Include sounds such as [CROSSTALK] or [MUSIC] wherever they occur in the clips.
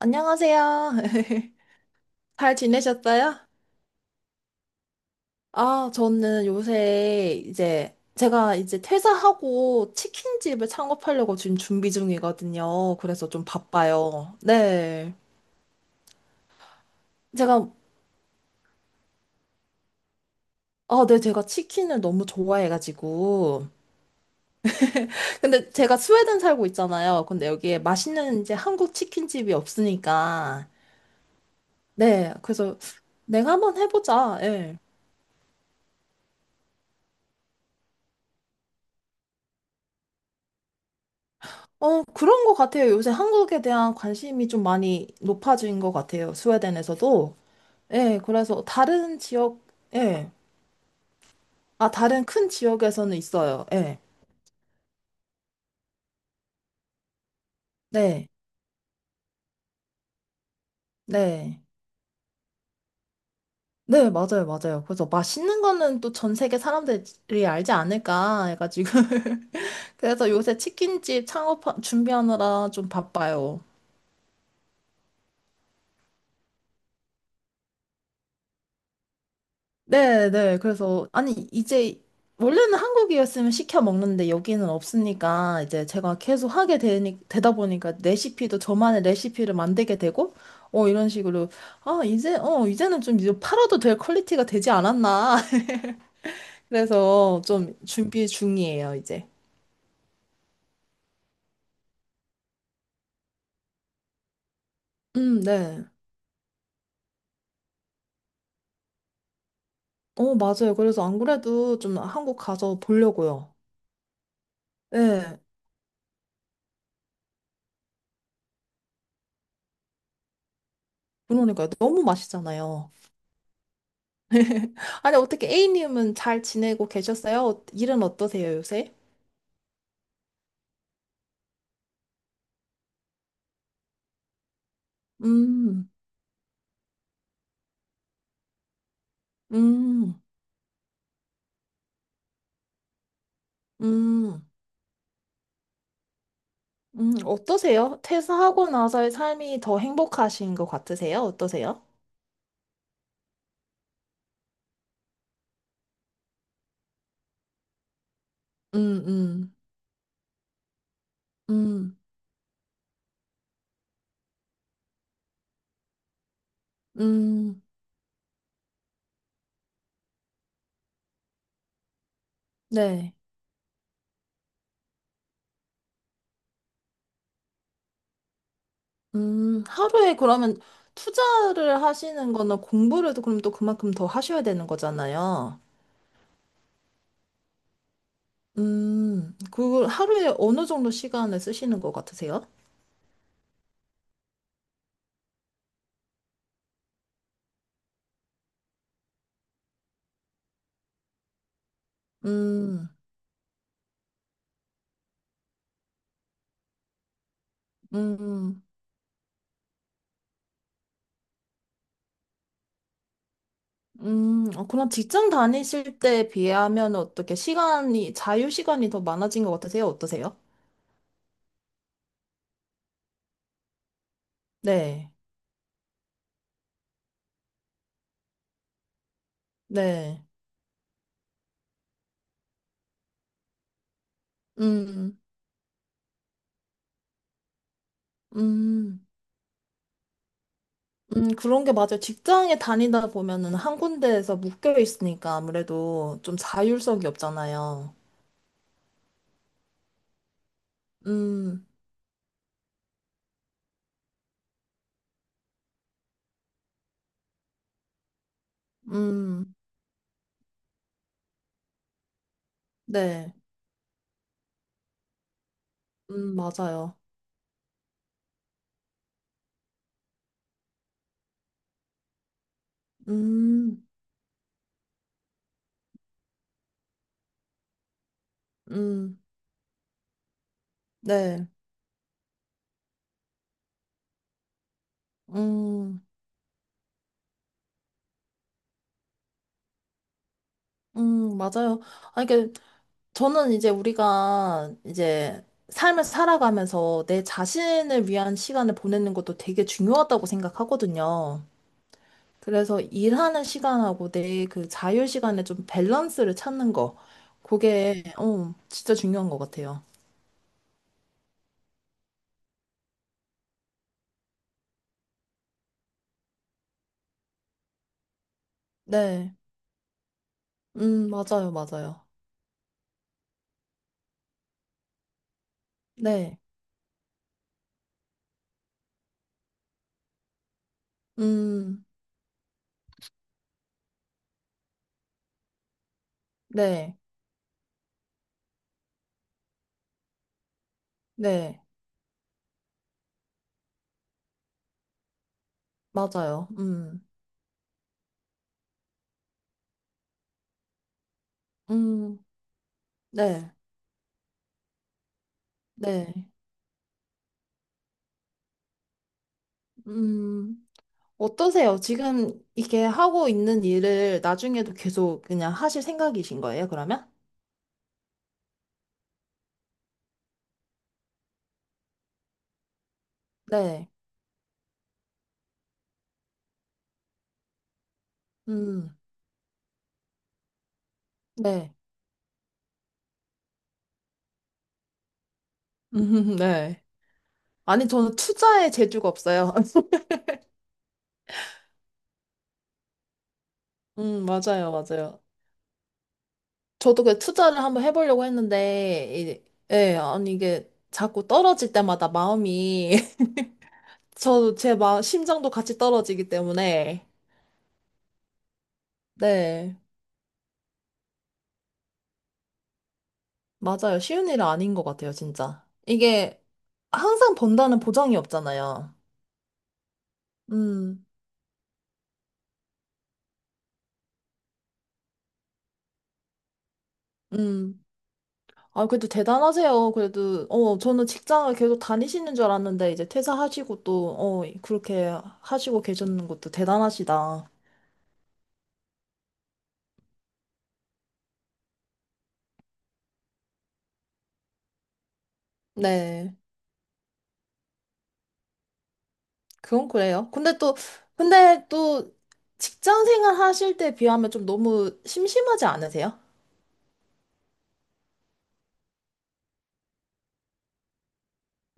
안녕하세요. [LAUGHS] 잘 지내셨어요? 아, 저는 요새 이제 제가 이제 퇴사하고 치킨집을 창업하려고 지금 준비 중이거든요. 그래서 좀 바빠요. 네. 제가, 아, 네, 제가 치킨을 너무 좋아해가지고. 근데 제가 스웨덴 살고 있잖아요. 근데 여기에 맛있는 이제 한국 치킨집이 없으니까. 네. 그래서 내가 한번 해보자. 예. 어, 그런 것 같아요. 요새 한국에 대한 관심이 좀 많이 높아진 것 같아요. 스웨덴에서도. 예, 그래서 다른 지역, 예. 아, 다른 큰 지역에서는 있어요. 예. 네, 네. 네, 맞아요, 맞아요. 그래서 맛있는 거는 또 전 세계 사람들이 알지 않을까 해가지고. [LAUGHS] 그래서 요새 치킨집 창업 준비하느라 좀 바빠요. 네, 네. 그래서 아니 이제 원래는 한국이었으면 시켜 먹는데 여기는 없으니까 이제 제가 계속 하게 되니, 되다 보니까 레시피도 저만의 레시피를 만들게 되고 어 이런 식으로 아 이제 이제는 좀 이제 팔아도 될 퀄리티가 되지 않았나. [LAUGHS] 그래서 좀 준비 중이에요 이제. 네. 어 맞아요. 그래서 안 그래도 좀 한국 가서 보려고요. 네. 그러니까 너무 맛있잖아요. [LAUGHS] 아니, 어떻게 A님은 잘 지내고 계셨어요? 일은 어떠세요, 요새? 음, 음, 음, 어떠세요? 퇴사하고 나서의 삶이 더 행복하신 것 같으세요? 어떠세요? 음, 음, 음, 음, 네. 하루에 그러면 투자를 하시는 거나 공부를 또 그럼 또 그만큼 더 하셔야 되는 거잖아요. 그걸 하루에 어느 정도 시간을 쓰시는 것 같으세요? 음, 음. 어, 그럼 직장 다니실 때에 비하면 어떻게 시간이, 자유 시간이 더 많아진 것 같으세요? 어떠세요? 네, 네. 음, 음, 그런 게 맞아요. 직장에 다니다 보면은 한 군데에서 묶여 있으니까 아무래도 좀 자율성이 없잖아요. 음, 음, 네, 맞아요. 음, 음, 네, 음, 맞아요. 아, 이게 저는 이제 우리가 이제 삶을 살아가면서 내 자신을 위한 시간을 보내는 것도 되게 중요하다고 생각하거든요. 그래서 일하는 시간하고 내 그 자유 시간에 좀 밸런스를 찾는 거. 그게, 어, 진짜 중요한 것 같아요. 네. 맞아요, 맞아요. 네. 음, 네. 네. 맞아요. 음, 네. 네. 음. 어떠세요? 지금 이게 하고 있는 일을 나중에도 계속 그냥 하실 생각이신 거예요, 그러면? 네, 음, 네. 네. 아니, 저는 투자에 재주가 없어요. [LAUGHS] 맞아요, 맞아요. 저도 그 투자를 한번 해보려고 했는데, 예, 아니, 이게 자꾸 떨어질 때마다 마음이, [LAUGHS] 저도 제 마, 심장도 같이 떨어지기 때문에, 네, 맞아요. 쉬운 일은 아닌 것 같아요, 진짜. 이게 항상 번다는 보장이 없잖아요. 음. 음. 아, 그래도 대단하세요. 그래도, 어, 저는 직장을 계속 다니시는 줄 알았는데, 이제 퇴사하시고 또, 어, 그렇게 하시고 계셨는 것도 대단하시다. 네. 그건 그래요. 근데 또, 근데 또, 직장 생활 하실 때 비하면 좀 너무 심심하지 않으세요?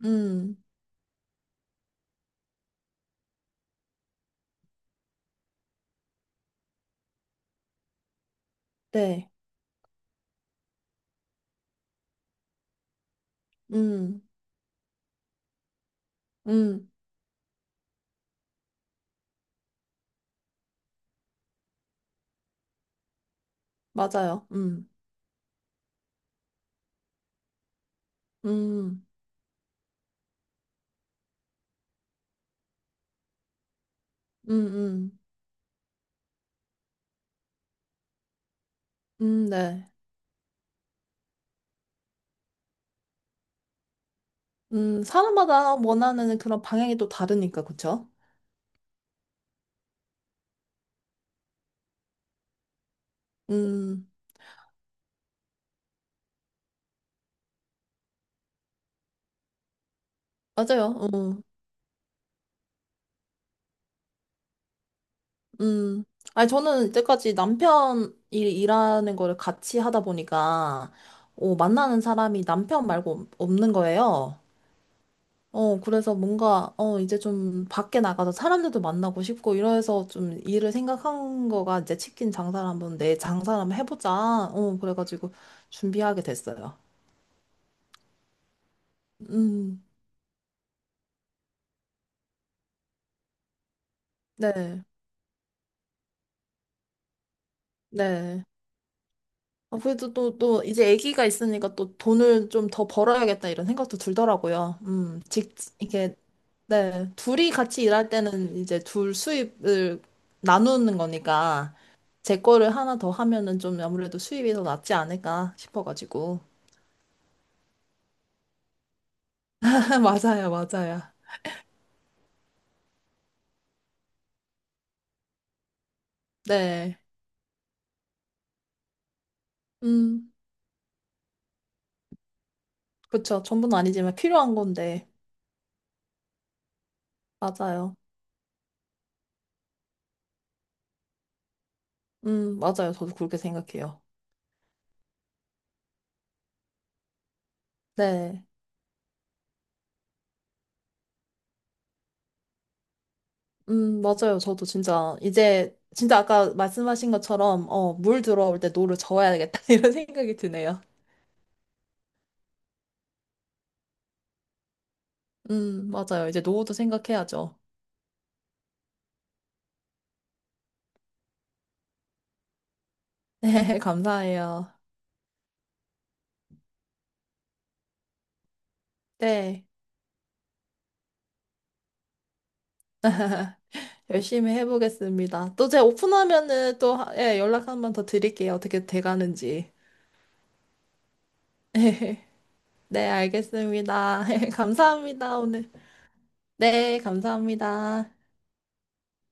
음, 네. 음, 음, 맞아요. 음, 음, 음, 네. 사람마다 원하는 그런 방향이 또 다르니까, 그쵸? 음, 맞아요. 어. 음, 아니, 저는 이때까지 남편이 일하는 거를 같이 하다 보니까, 어, 만나는 사람이 남편 말고 없는 거예요. 어, 그래서 뭔가, 어, 이제 좀 밖에 나가서 사람들도 만나고 싶고, 이래서 좀 일을 생각한 거가 이제 치킨 장사를 한번 내 장사를 한번 해보자. 어, 그래가지고 준비하게 됐어요. 음, 네, 네. 아, 그래도 또, 이제 아기가 있으니까 또 돈을 좀 더 벌어야겠다 이런 생각도 들더라고요. 이게 네, 둘이 같이 일할 때는 이제 둘 수입을 나누는 거니까 제 거를 하나 더 하면은 좀 아무래도 수입이 더 낫지 않을까 싶어가지고. [LAUGHS] 맞아요, 맞아요. 네, 음, 그쵸. 전부는 아니지만 필요한 건데. 맞아요. 맞아요. 저도 그렇게 생각해요. 네, 맞아요. 저도 진짜 이제 진짜 아까 말씀하신 것처럼 어, 물 들어올 때 노를 저어야겠다 [LAUGHS] 이런 생각이 드네요. 맞아요. 이제 노후도 생각해야죠. [LAUGHS] 네, 감사해요. 네. 열심히 해보겠습니다. 또 제가 오픈하면은 또 예, 연락 한번 더 드릴게요. 어떻게 돼가는지. 네, 알겠습니다. [LAUGHS] 감사합니다, 오늘. 네, 감사합니다.